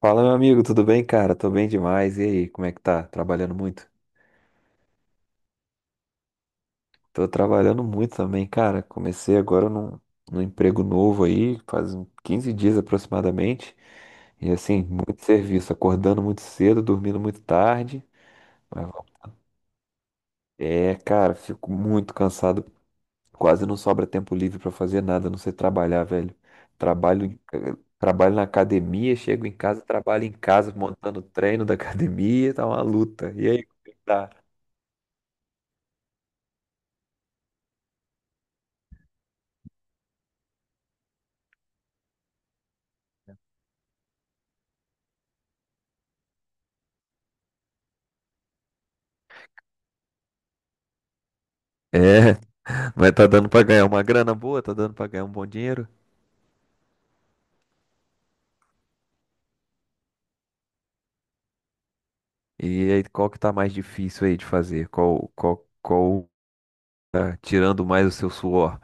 Fala, meu amigo, tudo bem, cara? Tô bem demais. E aí, como é que tá? Trabalhando muito? Tô trabalhando muito também, cara. Comecei agora num emprego novo aí, faz uns 15 dias aproximadamente. E assim, muito serviço, acordando muito cedo, dormindo muito tarde. Mas vamos- é, cara, fico muito cansado. Quase não sobra tempo livre pra fazer nada, a não ser trabalhar, velho. Trabalho, em- trabalho na academia, chego em casa, trabalho em casa, montando o treino da academia, tá uma luta. E aí, como é que tá? É, mas tá dando pra ganhar uma grana boa, tá dando pra ganhar um bom dinheiro. E aí, qual que tá mais difícil aí de fazer? Tá tirando mais o seu suor?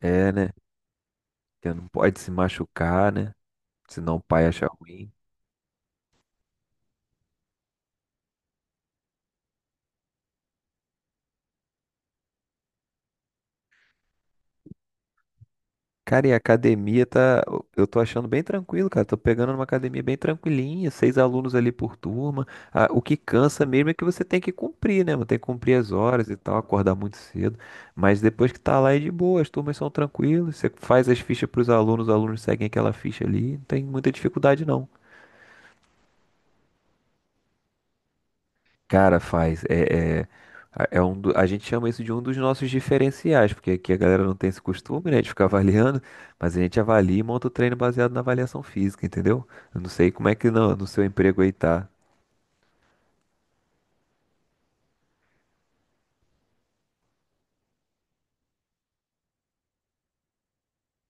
É, né? Porque não pode se machucar, né? Senão o pai acha ruim. Cara, e a academia tá. Eu tô achando bem tranquilo, cara. Tô pegando uma academia bem tranquilinha, seis alunos ali por turma. Ah, o que cansa mesmo é que você tem que cumprir, né, mano? Tem que cumprir as horas e tal, acordar muito cedo. Mas depois que tá lá é de boa, as turmas são tranquilas. Você faz as fichas pros alunos, os alunos seguem aquela ficha ali. Não tem muita dificuldade, não. Cara, faz. A gente chama isso de um dos nossos diferenciais, porque aqui a galera não tem esse costume, né, de ficar avaliando, mas a gente avalia e monta o treino baseado na avaliação física, entendeu? Eu não sei como é que no seu emprego aí tá.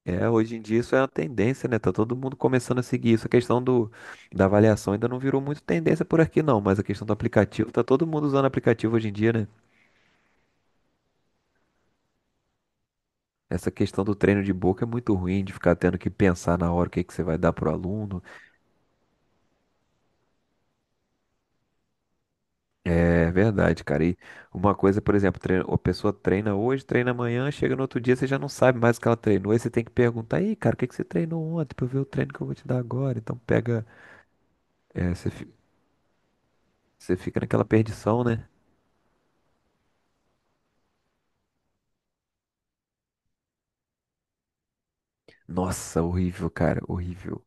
É, hoje em dia isso é uma tendência, né? Tá todo mundo começando a seguir isso. Da avaliação ainda não virou muito tendência por aqui, não, mas a questão do aplicativo, tá todo mundo usando aplicativo hoje em dia, né? Essa questão do treino de boca é muito ruim, de ficar tendo que pensar na hora o que que você vai dar pro aluno. É verdade, cara. E uma coisa, por exemplo, a pessoa treina hoje, treina amanhã, chega no outro dia, você já não sabe mais o que ela treinou. Aí você tem que perguntar, aí, cara, o que que você treinou ontem pra eu ver o treino que eu vou te dar agora? Então pega. é, você, fi- você fica naquela perdição, né? Nossa, horrível, cara, horrível.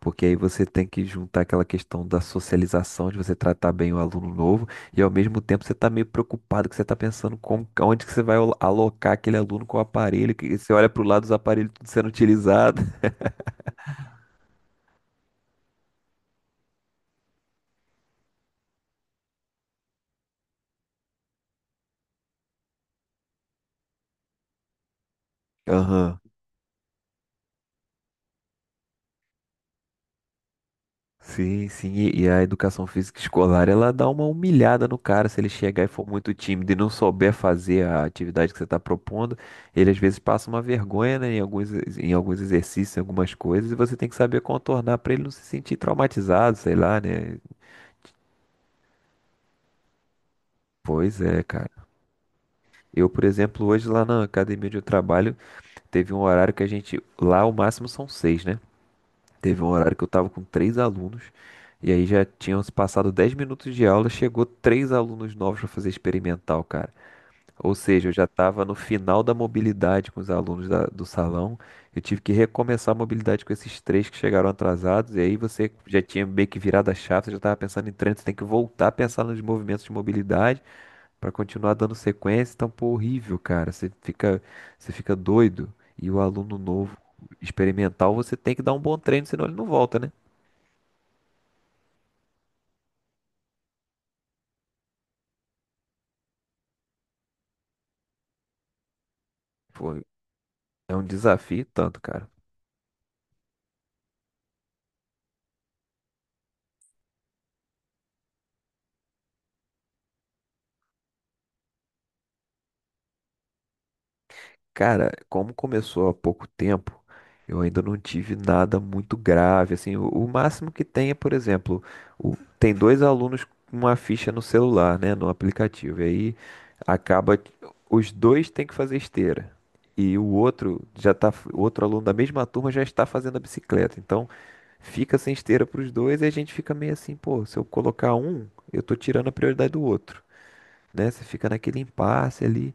Porque aí você tem que juntar aquela questão da socialização, de você tratar bem o aluno novo, e ao mesmo tempo você tá meio preocupado, que você tá pensando como, onde que você vai alocar aquele aluno com o aparelho, que você olha pro lado dos aparelhos tudo sendo utilizado. Aham. Sim, sim, e a educação física escolar, ela dá uma humilhada no cara se ele chegar e for muito tímido e não souber fazer a atividade que você está propondo, ele às vezes passa uma vergonha, né, em alguns, em alguns exercícios, em algumas coisas, e você tem que saber contornar para ele não se sentir traumatizado, sei lá, né? Pois é, cara. Eu, por exemplo, hoje lá na academia onde eu trabalho, teve um horário que a gente, lá o máximo são seis, né? Teve um horário que eu tava com três alunos, e aí já tinham se passado 10 minutos de aula, chegou três alunos novos para fazer experimental, cara. Ou seja, eu já estava no final da mobilidade com os alunos do salão. Eu tive que recomeçar a mobilidade com esses três que chegaram atrasados. E aí você já tinha meio que virado a chave, você já estava pensando em trânsito, tem que voltar a pensar nos movimentos de mobilidade. Pra continuar dando sequência, tá um horrível, cara. Você fica doido. E o aluno novo, experimental, você tem que dar um bom treino, senão ele não volta, né? Pô, é um desafio tanto, cara. Cara, como começou há pouco tempo, eu ainda não tive nada muito grave. Assim, o máximo que tem é, por exemplo, tem dois alunos com uma ficha no celular, né, no aplicativo. E aí acaba, que os dois têm que fazer esteira. E o outro já tá, o outro aluno da mesma turma já está fazendo a bicicleta. Então, fica sem esteira para os dois e a gente fica meio assim, pô, se eu colocar um, eu tô tirando a prioridade do outro, né? Você fica naquele impasse ali.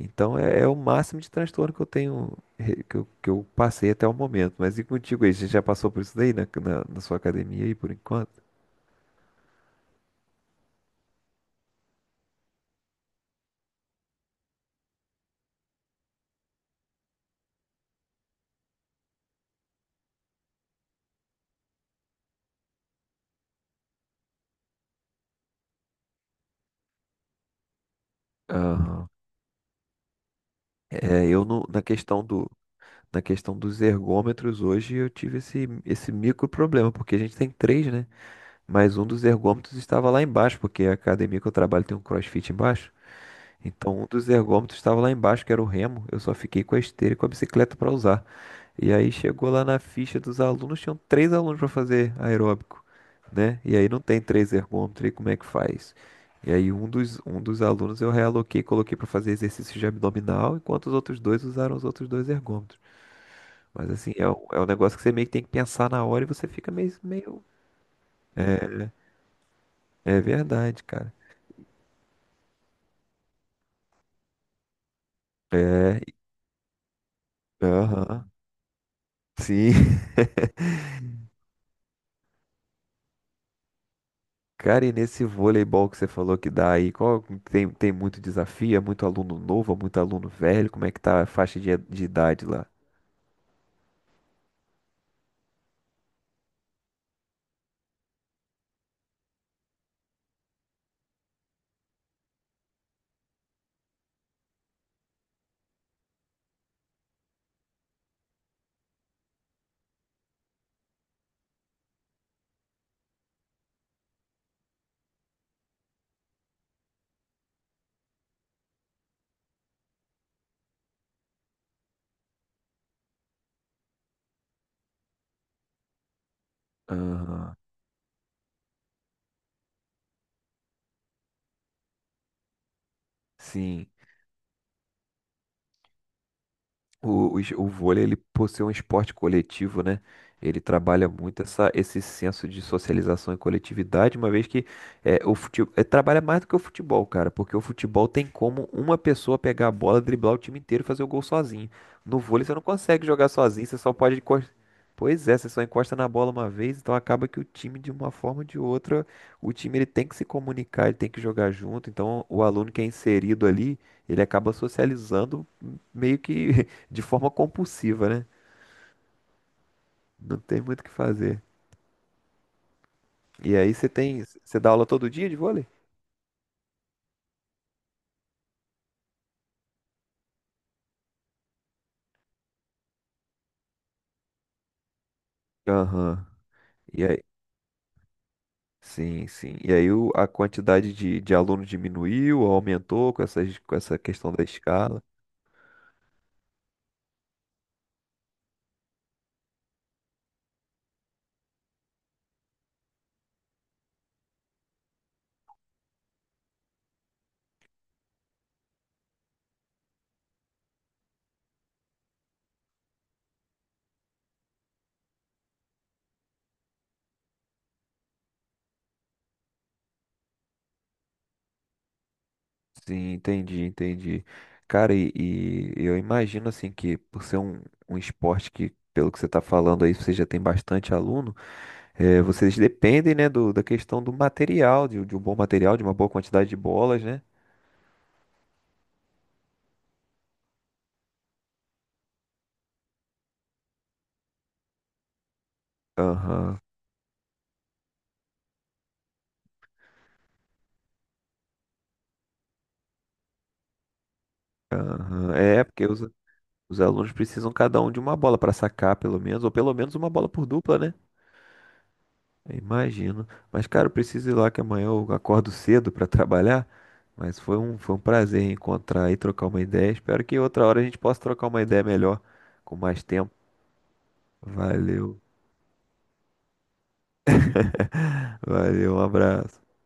Então é, é o máximo de transtorno que eu tenho, que eu passei até o momento. Mas e contigo aí? Você já passou por isso daí na sua academia aí por enquanto? Aham. É, eu na questão dos ergômetros hoje eu tive esse micro problema, porque a gente tem três, né? Mas um dos ergômetros estava lá embaixo, porque a academia que eu trabalho tem um CrossFit embaixo. Então, um dos ergômetros estava lá embaixo, que era o remo. Eu só fiquei com a esteira e com a bicicleta para usar. E aí chegou lá na ficha dos alunos, tinham três alunos para fazer aeróbico, né? E aí não tem três ergômetros, e como é que faz? E aí um dos alunos eu realoquei, coloquei para fazer exercício de abdominal, enquanto os outros dois usaram os outros dois ergômetros. Mas assim, é, é um negócio que você meio que tem que pensar na hora e você fica meio, meio... É é verdade, cara. É, aham, sim. Cara, e nesse voleibol que você falou que dá aí, qual, tem, tem muito desafio? É muito aluno novo, é muito aluno velho? Como é que tá a faixa de idade lá? Aham, sim. O vôlei, ele, por ser um esporte coletivo, né? Ele trabalha muito essa, esse senso de socialização e coletividade, uma vez que é, o futebol, trabalha mais do que o futebol, cara, porque o futebol tem como uma pessoa pegar a bola, driblar o time inteiro e fazer o gol sozinho. No vôlei, você não consegue jogar sozinho, você só pode encostar. Pois é, você só encosta na bola uma vez, então acaba que o time, de uma forma ou de outra, o time ele tem que se comunicar, ele tem que jogar junto. Então, o aluno que é inserido ali, ele acaba socializando meio que de forma compulsiva, né? Não tem muito o que fazer. E aí você tem, você dá aula todo dia de vôlei? Aham. E aí, sim, sim. E aí a quantidade de alunos diminuiu ou aumentou com essas, com essa questão da escala? Sim, entendi, entendi. Cara, e, e eu imagino assim que por ser um esporte que, pelo que você está falando aí, você já tem bastante aluno. É, vocês dependem, né, da questão do material, de um bom material, de uma boa quantidade de bolas, né? Aham, aham. É, porque os alunos precisam cada um de uma bola para sacar, pelo menos, ou pelo menos uma bola por dupla, né? Eu Imagino. Mas, cara, eu preciso ir lá que amanhã eu acordo cedo para trabalhar. Mas foi foi um prazer encontrar e trocar uma ideia. Espero que outra hora a gente possa trocar uma ideia melhor, com mais tempo. Valeu, valeu, um abraço.